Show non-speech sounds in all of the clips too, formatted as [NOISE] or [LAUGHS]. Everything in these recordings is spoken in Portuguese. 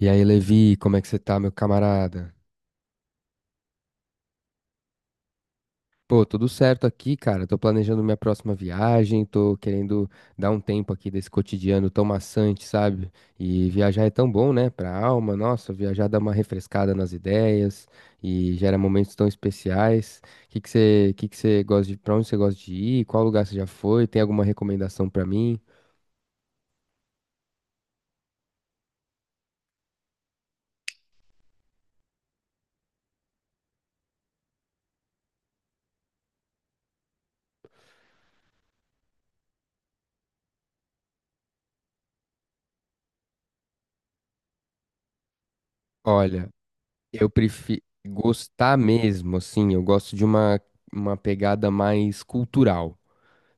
E aí, Levi, como é que você tá, meu camarada? Pô, tudo certo aqui, cara. Tô planejando minha próxima viagem, tô querendo dar um tempo aqui desse cotidiano tão maçante, sabe? E viajar é tão bom, né, pra alma. Nossa, viajar dá uma refrescada nas ideias e gera momentos tão especiais. Que você gosta de, Pra onde você gosta de ir? Qual lugar você já foi? Tem alguma recomendação pra mim? Olha, eu prefiro gostar mesmo, assim, eu gosto de uma pegada mais cultural,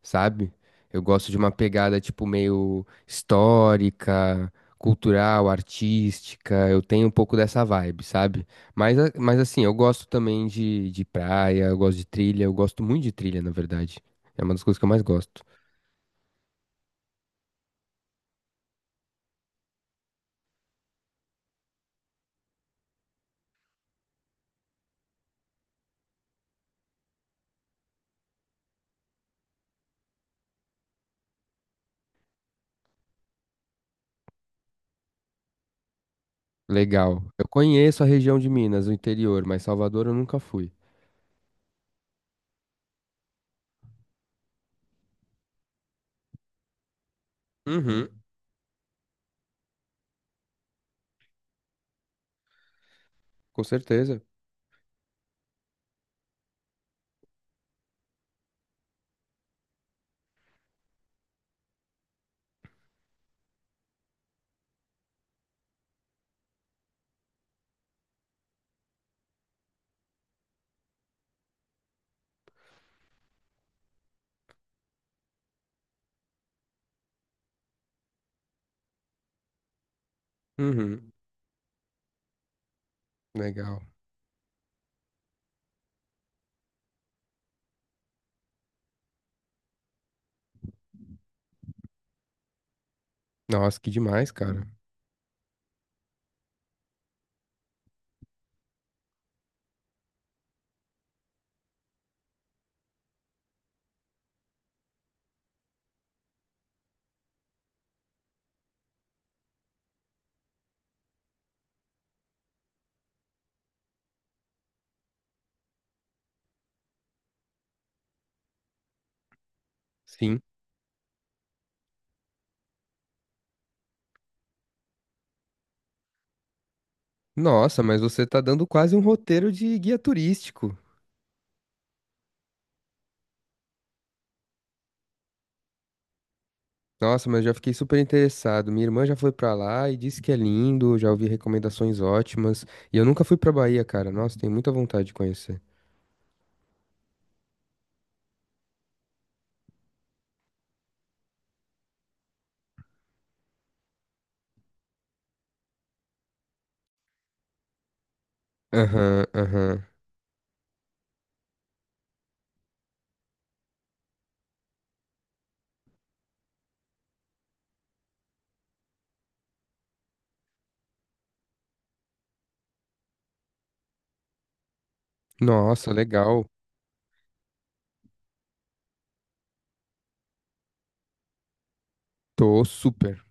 sabe? Eu gosto de uma pegada tipo meio histórica, cultural, artística. Eu tenho um pouco dessa vibe, sabe? Mas, assim, eu gosto também de praia, eu gosto de trilha, eu gosto muito de trilha, na verdade. É uma das coisas que eu mais gosto. Legal. Eu conheço a região de Minas, o interior, mas Salvador eu nunca fui. Uhum, com certeza. Uhum, legal. Nossa, que demais, cara. Sim. Nossa, mas você tá dando quase um roteiro de guia turístico. Nossa, mas eu já fiquei super interessado. Minha irmã já foi pra lá e disse que é lindo, já ouvi recomendações ótimas. E eu nunca fui pra Bahia, cara. Nossa, tenho muita vontade de conhecer. Aham, aham. Nossa, legal. Tô super.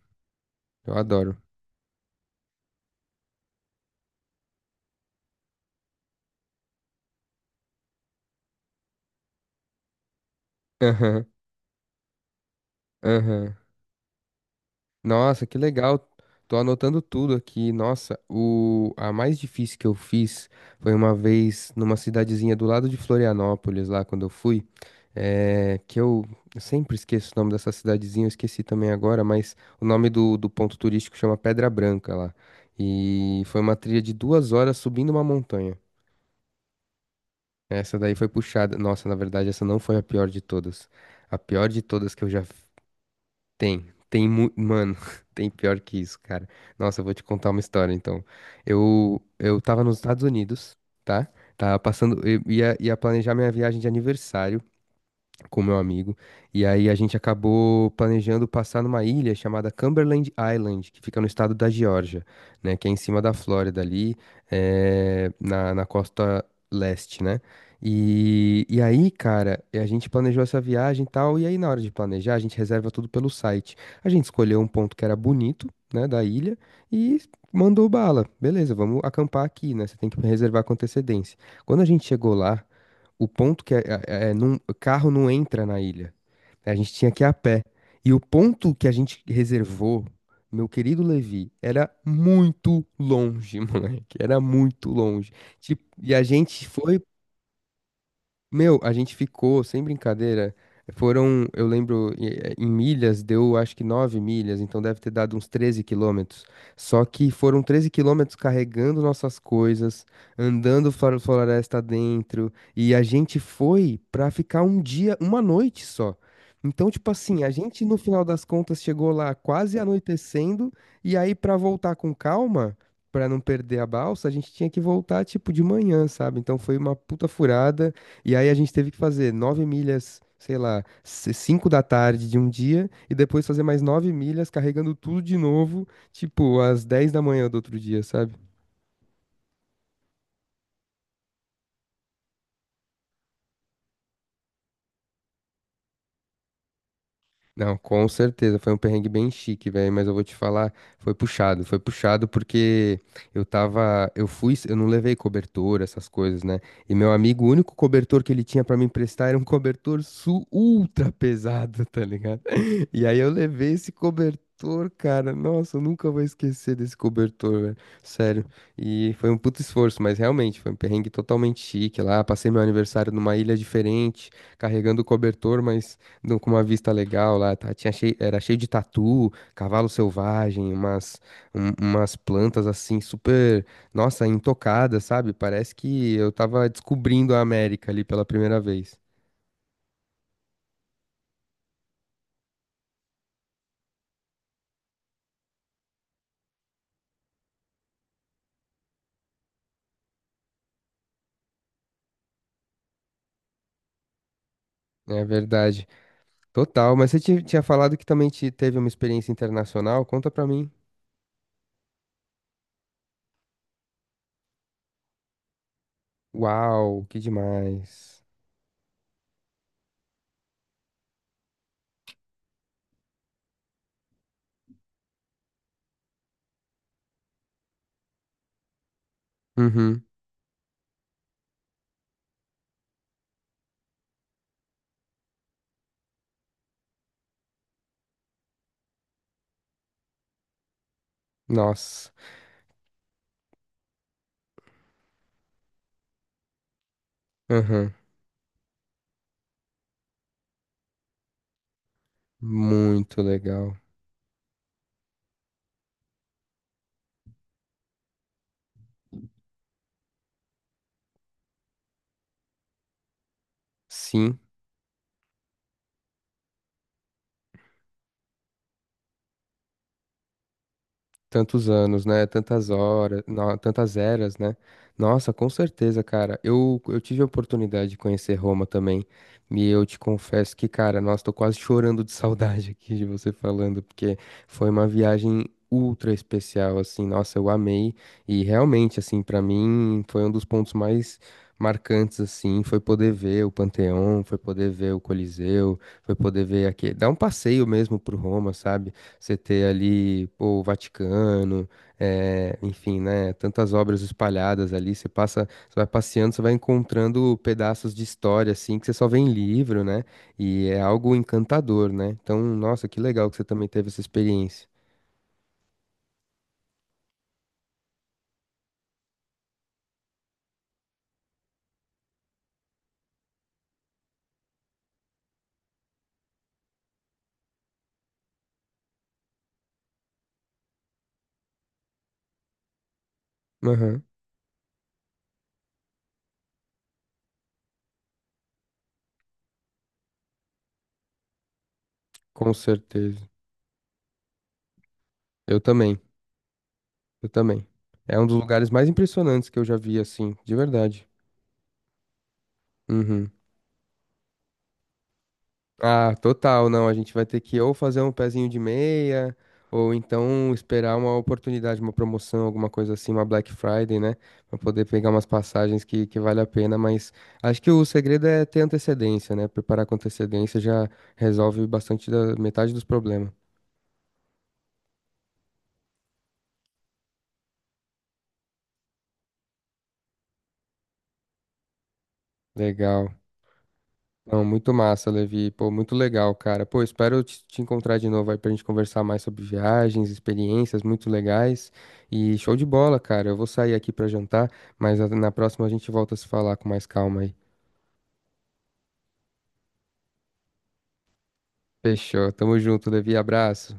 Eu adoro. Aham, aham. Nossa, que legal. Tô anotando tudo aqui. Nossa, o a mais difícil que eu fiz foi uma vez numa cidadezinha do lado de Florianópolis, lá quando eu fui, que eu sempre esqueço o nome dessa cidadezinha, eu esqueci também agora, mas o nome do ponto turístico chama Pedra Branca lá. E foi uma trilha de 2 horas subindo uma montanha. Essa daí foi puxada. Nossa, na verdade, essa não foi a pior de todas. A pior de todas que eu já tem, mano, [LAUGHS] tem pior que isso, cara. Nossa, eu vou te contar uma história, então. Eu tava nos Estados Unidos, tá? Tava passando, eu ia planejar minha viagem de aniversário com meu amigo. E aí a gente acabou planejando passar numa ilha chamada Cumberland Island, que fica no estado da Geórgia, né? Que é em cima da Flórida ali, na costa leste, né? E aí, cara, a gente planejou essa viagem e tal, e aí na hora de planejar, a gente reserva tudo pelo site. A gente escolheu um ponto que era bonito, né, da ilha, e mandou bala. Beleza, vamos acampar aqui, né? Você tem que reservar com antecedência. Quando a gente chegou lá, o ponto que a, é, não- carro não entra na ilha. A gente tinha que ir a pé. E o ponto que a gente reservou, meu querido Levi, era muito longe, [LAUGHS] moleque. Era muito longe. Tipo, a gente ficou, sem brincadeira, foram, eu lembro, em milhas, deu acho que 9 milhas, então deve ter dado uns 13 quilômetros. Só que foram 13 quilômetros carregando nossas coisas, andando fora floresta dentro, e a gente foi pra ficar um dia, uma noite só. Então, tipo assim, a gente no final das contas chegou lá quase anoitecendo, e aí pra voltar com calma, pra não perder a balsa, a gente tinha que voltar tipo de manhã, sabe? Então foi uma puta furada. E aí a gente teve que fazer 9 milhas, sei lá, cinco da tarde de um dia, e depois fazer mais 9 milhas carregando tudo de novo, tipo, às 10 da manhã do outro dia, sabe? Não, com certeza, foi um perrengue bem chique, velho, mas eu vou te falar, foi puxado porque eu tava, eu fui, eu não levei cobertor, essas coisas, né? E meu amigo, o único cobertor que ele tinha pra me emprestar era um cobertor su ultra pesado, tá ligado? [LAUGHS] E aí eu levei esse cobertor, cara, nossa, eu nunca vou esquecer desse cobertor, velho, sério. E foi um puto esforço, mas realmente foi um perrengue totalmente chique lá, passei meu aniversário numa ilha diferente, carregando o cobertor, mas com uma vista legal lá, tá? Tinha cheio, era cheio de tatu, cavalo selvagem, umas plantas assim super, nossa, intocadas, sabe? Parece que eu tava descobrindo a América ali pela primeira vez. É verdade. Total, mas você tinha falado que também teve uma experiência internacional? Conta pra mim. Uau, que demais. Uhum. Nossa. Uhum. Muito legal. Sim. Tantos anos, né? Tantas horas, tantas eras, né? Nossa, com certeza, cara. Eu tive a oportunidade de conhecer Roma também. E eu te confesso que, cara, nossa, tô quase chorando de saudade [LAUGHS] aqui de você falando, porque foi uma viagem ultra especial, assim. Nossa, eu amei. E realmente, assim, pra mim foi um dos pontos mais marcantes, assim. Foi poder ver o Panteão, foi poder ver o Coliseu, foi poder ver aqui, dar um passeio mesmo pro Roma, sabe? Você ter ali, pô, o Vaticano, enfim, né? Tantas obras espalhadas ali. Você passa, você vai passeando, você vai encontrando pedaços de história, assim, que você só vê em livro, né? E é algo encantador, né? Então, nossa, que legal que você também teve essa experiência. Aham, com certeza. Eu também, eu também. É um dos lugares mais impressionantes que eu já vi, assim, de verdade. Uhum. Ah, total, não. A gente vai ter que ou fazer um pezinho de meia, ou então esperar uma oportunidade, uma promoção, alguma coisa assim, uma Black Friday, né? Pra poder pegar umas passagens que vale a pena. Mas acho que o segredo é ter antecedência, né? Preparar com antecedência já resolve bastante da metade dos problemas. Legal. Não, muito massa, Levi. Pô, muito legal, cara. Pô, espero te encontrar de novo aí pra gente conversar mais sobre viagens, experiências muito legais. E show de bola, cara. Eu vou sair aqui pra jantar, mas na próxima a gente volta a se falar com mais calma aí. Fechou. Tamo junto, Levi. Abraço.